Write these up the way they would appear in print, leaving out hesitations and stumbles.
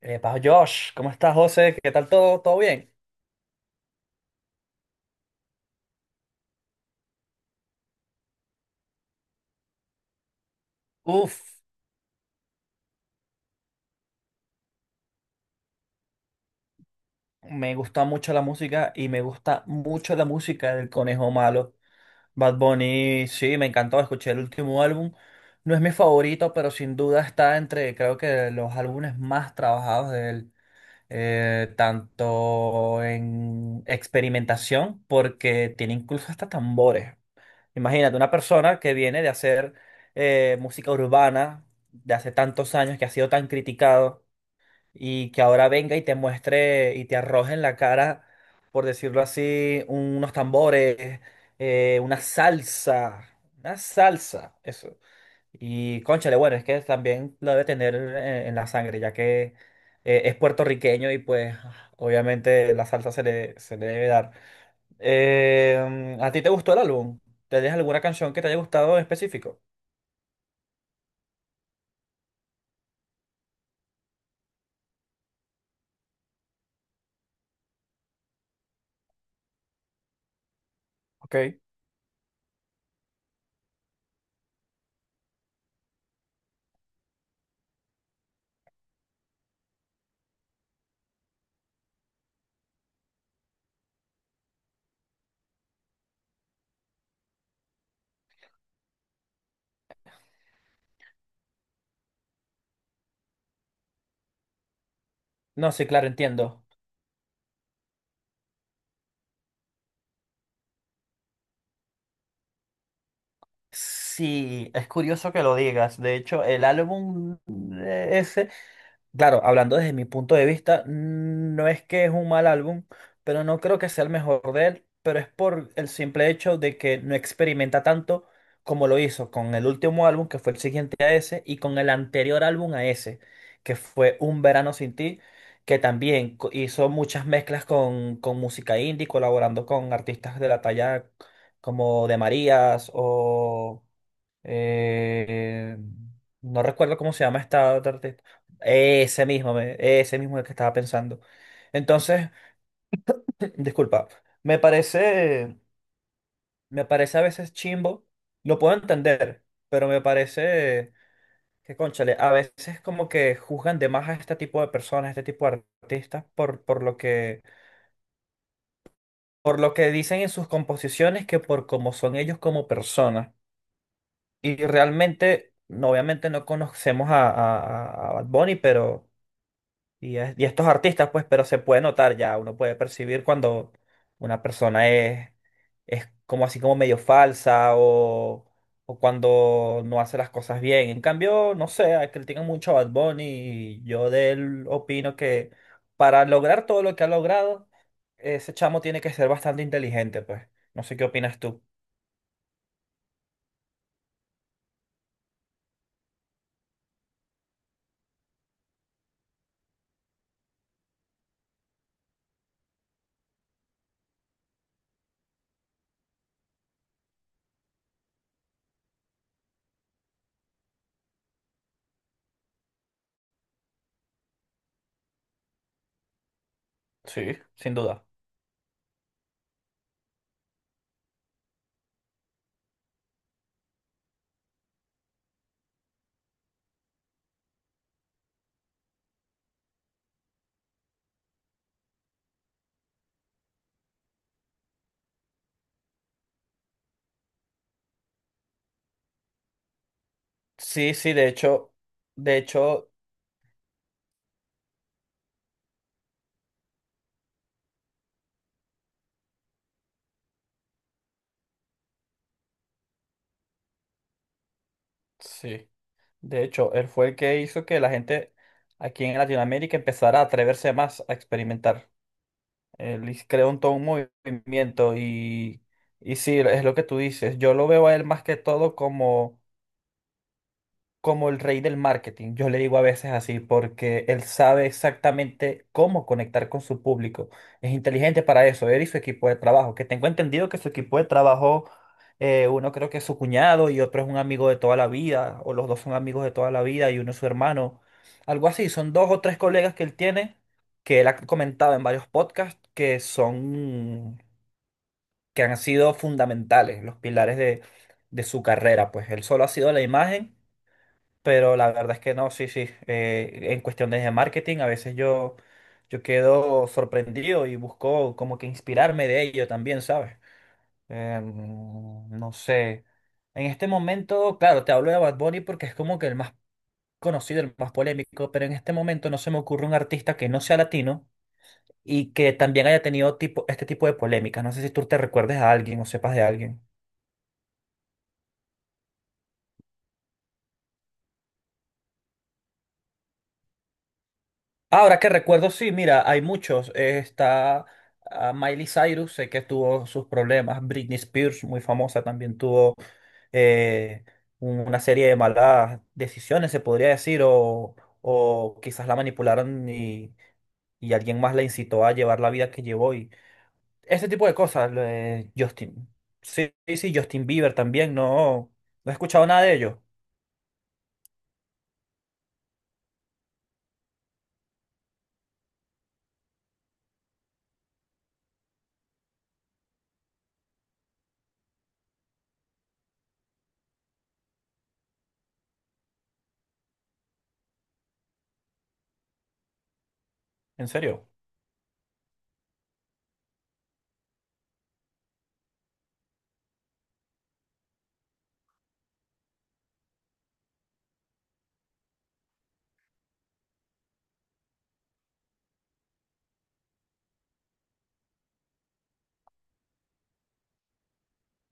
Epa, Josh, ¿cómo estás, José? ¿Qué tal todo? ¿Todo bien? Uf, Me gusta mucho la música y me gusta mucho la música del Conejo Malo. Bad Bunny, sí, me encantó, escuché el último álbum. No es mi favorito, pero sin duda está entre, creo que, los álbumes más trabajados de él. Tanto en experimentación, porque tiene incluso hasta tambores. Imagínate, una persona que viene de hacer música urbana de hace tantos años, que ha sido tan criticado y que ahora venga y te muestre y te arroje en la cara, por decirlo así, unos tambores, una salsa, eso. Y cónchale, bueno, es que también lo debe tener en la sangre, ya que es puertorriqueño y pues obviamente la salsa se le debe dar. ¿A ti te gustó el álbum? ¿Te dejas alguna canción que te haya gustado en específico? Ok. No, sí, claro, entiendo. Sí, es curioso que lo digas. De hecho, el álbum ese, claro, hablando desde mi punto de vista, no es que es un mal álbum, pero no creo que sea el mejor de él, pero es por el simple hecho de que no experimenta tanto como lo hizo con el último álbum, que fue el siguiente a ese, y con el anterior álbum a ese, que fue Un Verano Sin Ti, que también hizo muchas mezclas con música indie, colaborando con artistas de la talla como de Marías o... Eh, no recuerdo cómo se llama esta otra artista. Ese mismo, ese mismo el que estaba pensando. Entonces, disculpa, me parece, me parece a veces chimbo, lo puedo entender, pero me parece que, cónchale, a veces como que juzgan de más a este tipo de personas, a este tipo de artistas, por lo por lo que dicen en sus composiciones que por cómo son ellos como personas. Y realmente, no, obviamente no conocemos Bad Bunny, pero, y a estos artistas, pues, pero se puede notar ya, uno puede percibir cuando una persona es como así como medio falsa o cuando no hace las cosas bien. En cambio, no sé, critican mucho a Bad Bunny y yo de él opino que para lograr todo lo que ha logrado, ese chamo tiene que ser bastante inteligente, pues. No sé qué opinas tú. Sí, sin duda. Sí, sí, de hecho, sí, de hecho, él fue el que hizo que la gente aquí en Latinoamérica empezara a atreverse más a experimentar. Creó un todo un movimiento y sí, es lo que tú dices. Yo lo veo a él más que todo como como el rey del marketing. Yo le digo a veces así porque él sabe exactamente cómo conectar con su público. Es inteligente para eso, él y su equipo de trabajo, que tengo entendido que su equipo de trabajo, uno creo que es su cuñado y otro es un amigo de toda la vida, o los dos son amigos de toda la vida y uno es su hermano. Algo así, son dos o tres colegas que él tiene, que él ha comentado en varios podcasts, que han sido fundamentales, los pilares de su carrera. Pues él solo ha sido la imagen, pero la verdad es que no, sí, sí. En cuestiones de marketing, yo quedo sorprendido y busco como que inspirarme de ello también, ¿sabes? No sé. En este momento, claro, te hablo de Bad Bunny porque es como que el más conocido, el más polémico, pero en este momento no se me ocurre un artista que no sea latino y que también haya tenido tipo, este tipo de polémicas. No sé si tú te recuerdes a alguien o sepas de alguien. Ahora que recuerdo, sí, mira, hay muchos. Está ah, Miley Cyrus, sé que tuvo sus problemas. Britney Spears, muy famosa, también tuvo eh, una serie de malas decisiones, se podría decir, o quizás la manipularon y alguien más la incitó a llevar la vida que llevó. Y ese tipo de cosas, lo de Justin. Sí, sí, sí, Justin Bieber también, no, no he escuchado nada de ellos. ¿En serio?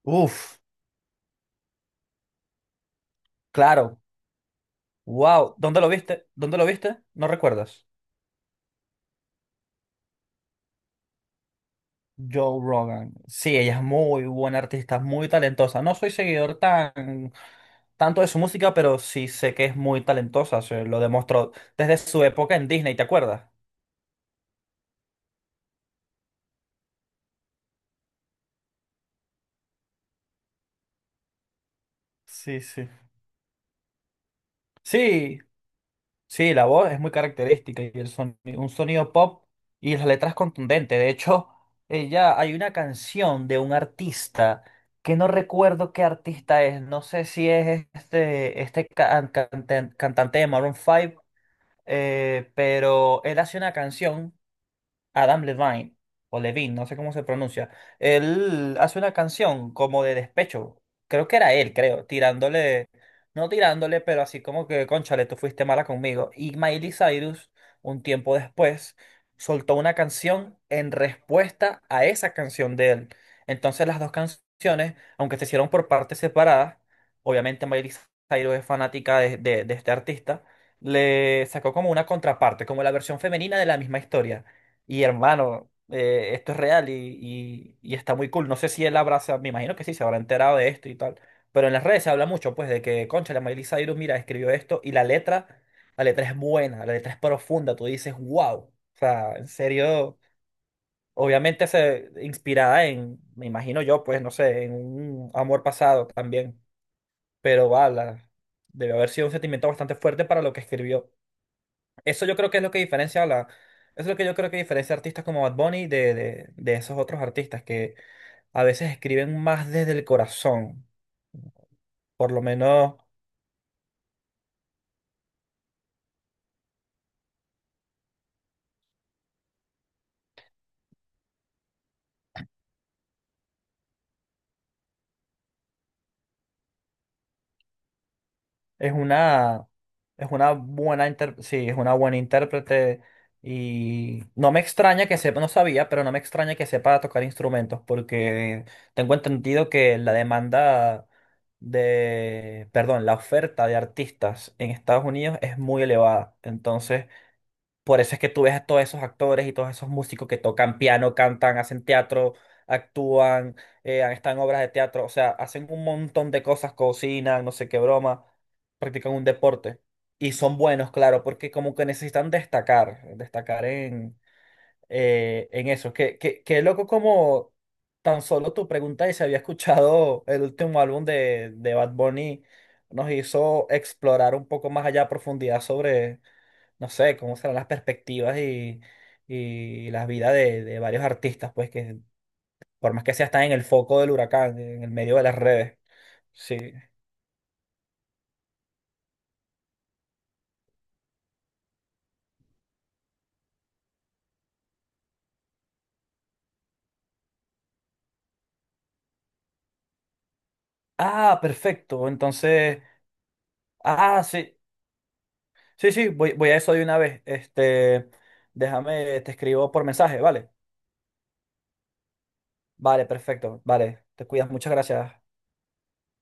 Uf, claro. Wow. ¿Dónde lo viste? ¿Dónde lo viste? ¿No recuerdas? Joe Rogan. Sí, ella es muy buena artista, muy talentosa. No soy seguidor tan tanto de su música, pero sí sé que es muy talentosa. Se lo demostró desde su época en Disney, ¿te acuerdas? Sí, sí. Sí, sí, la voz es muy característica y el sonido, un sonido pop y las letras contundentes. De hecho, ella hay una canción de un artista que no recuerdo qué artista es. No sé si es este, cantante de Maroon 5, pero él hace una canción. Adam Levine, o Levine, no sé cómo se pronuncia, él hace una canción como de despecho. Creo que era él, creo, tirándole, no tirándole, pero así como que, cónchale, tú fuiste mala conmigo. Y Miley Cyrus, un tiempo después, soltó una canción en respuesta a esa canción de él. Entonces las dos canciones, aunque se hicieron por partes separadas, obviamente Miley Cyrus es fanática de este artista, le sacó como una contraparte, como la versión femenina de la misma historia. Y hermano, esto es real y está muy cool. No sé si él habrá, me imagino que sí, se habrá enterado de esto y tal. Pero en las redes se habla mucho, pues, de que, concha, la Miley Cyrus, mira, escribió esto y la letra es buena, la letra es profunda. Tú dices, wow. O sea, en serio, obviamente se inspirada en, me imagino yo, pues, no sé, en un amor pasado también. Pero va, debe haber sido un sentimiento bastante fuerte para lo que escribió. Eso yo creo que es lo que diferencia eso es lo que yo creo que diferencia a artistas como Bad Bunny de esos otros artistas que a veces escriben más desde el corazón. Por lo menos es una, es una sí, es una buena intérprete. Y no me extraña que sepa, no sabía, pero no me extraña que sepa tocar instrumentos, porque tengo entendido que la demanda de, perdón, la oferta de artistas en Estados Unidos es muy elevada. Entonces, por eso es que tú ves a todos esos actores y todos esos músicos que tocan piano, cantan, hacen teatro, actúan, han en obras de teatro, o sea, hacen un montón de cosas, cocinan, no sé qué broma, practican un deporte. Y son buenos, claro, porque como que necesitan destacar, destacar en eso. Qué loco como tan solo tu pregunta y se había escuchado el último álbum de Bad Bunny, nos hizo explorar un poco más allá a profundidad sobre no sé, cómo serán las perspectivas y las vidas de varios artistas, pues que por más que sea, están en el foco del huracán, en el medio de las redes. Sí. Ah, perfecto. Entonces, ah, sí. Sí, sí, voy a eso de una vez. Este, déjame, te escribo por mensaje, ¿vale? Vale, perfecto. Vale, te cuidas. Muchas gracias.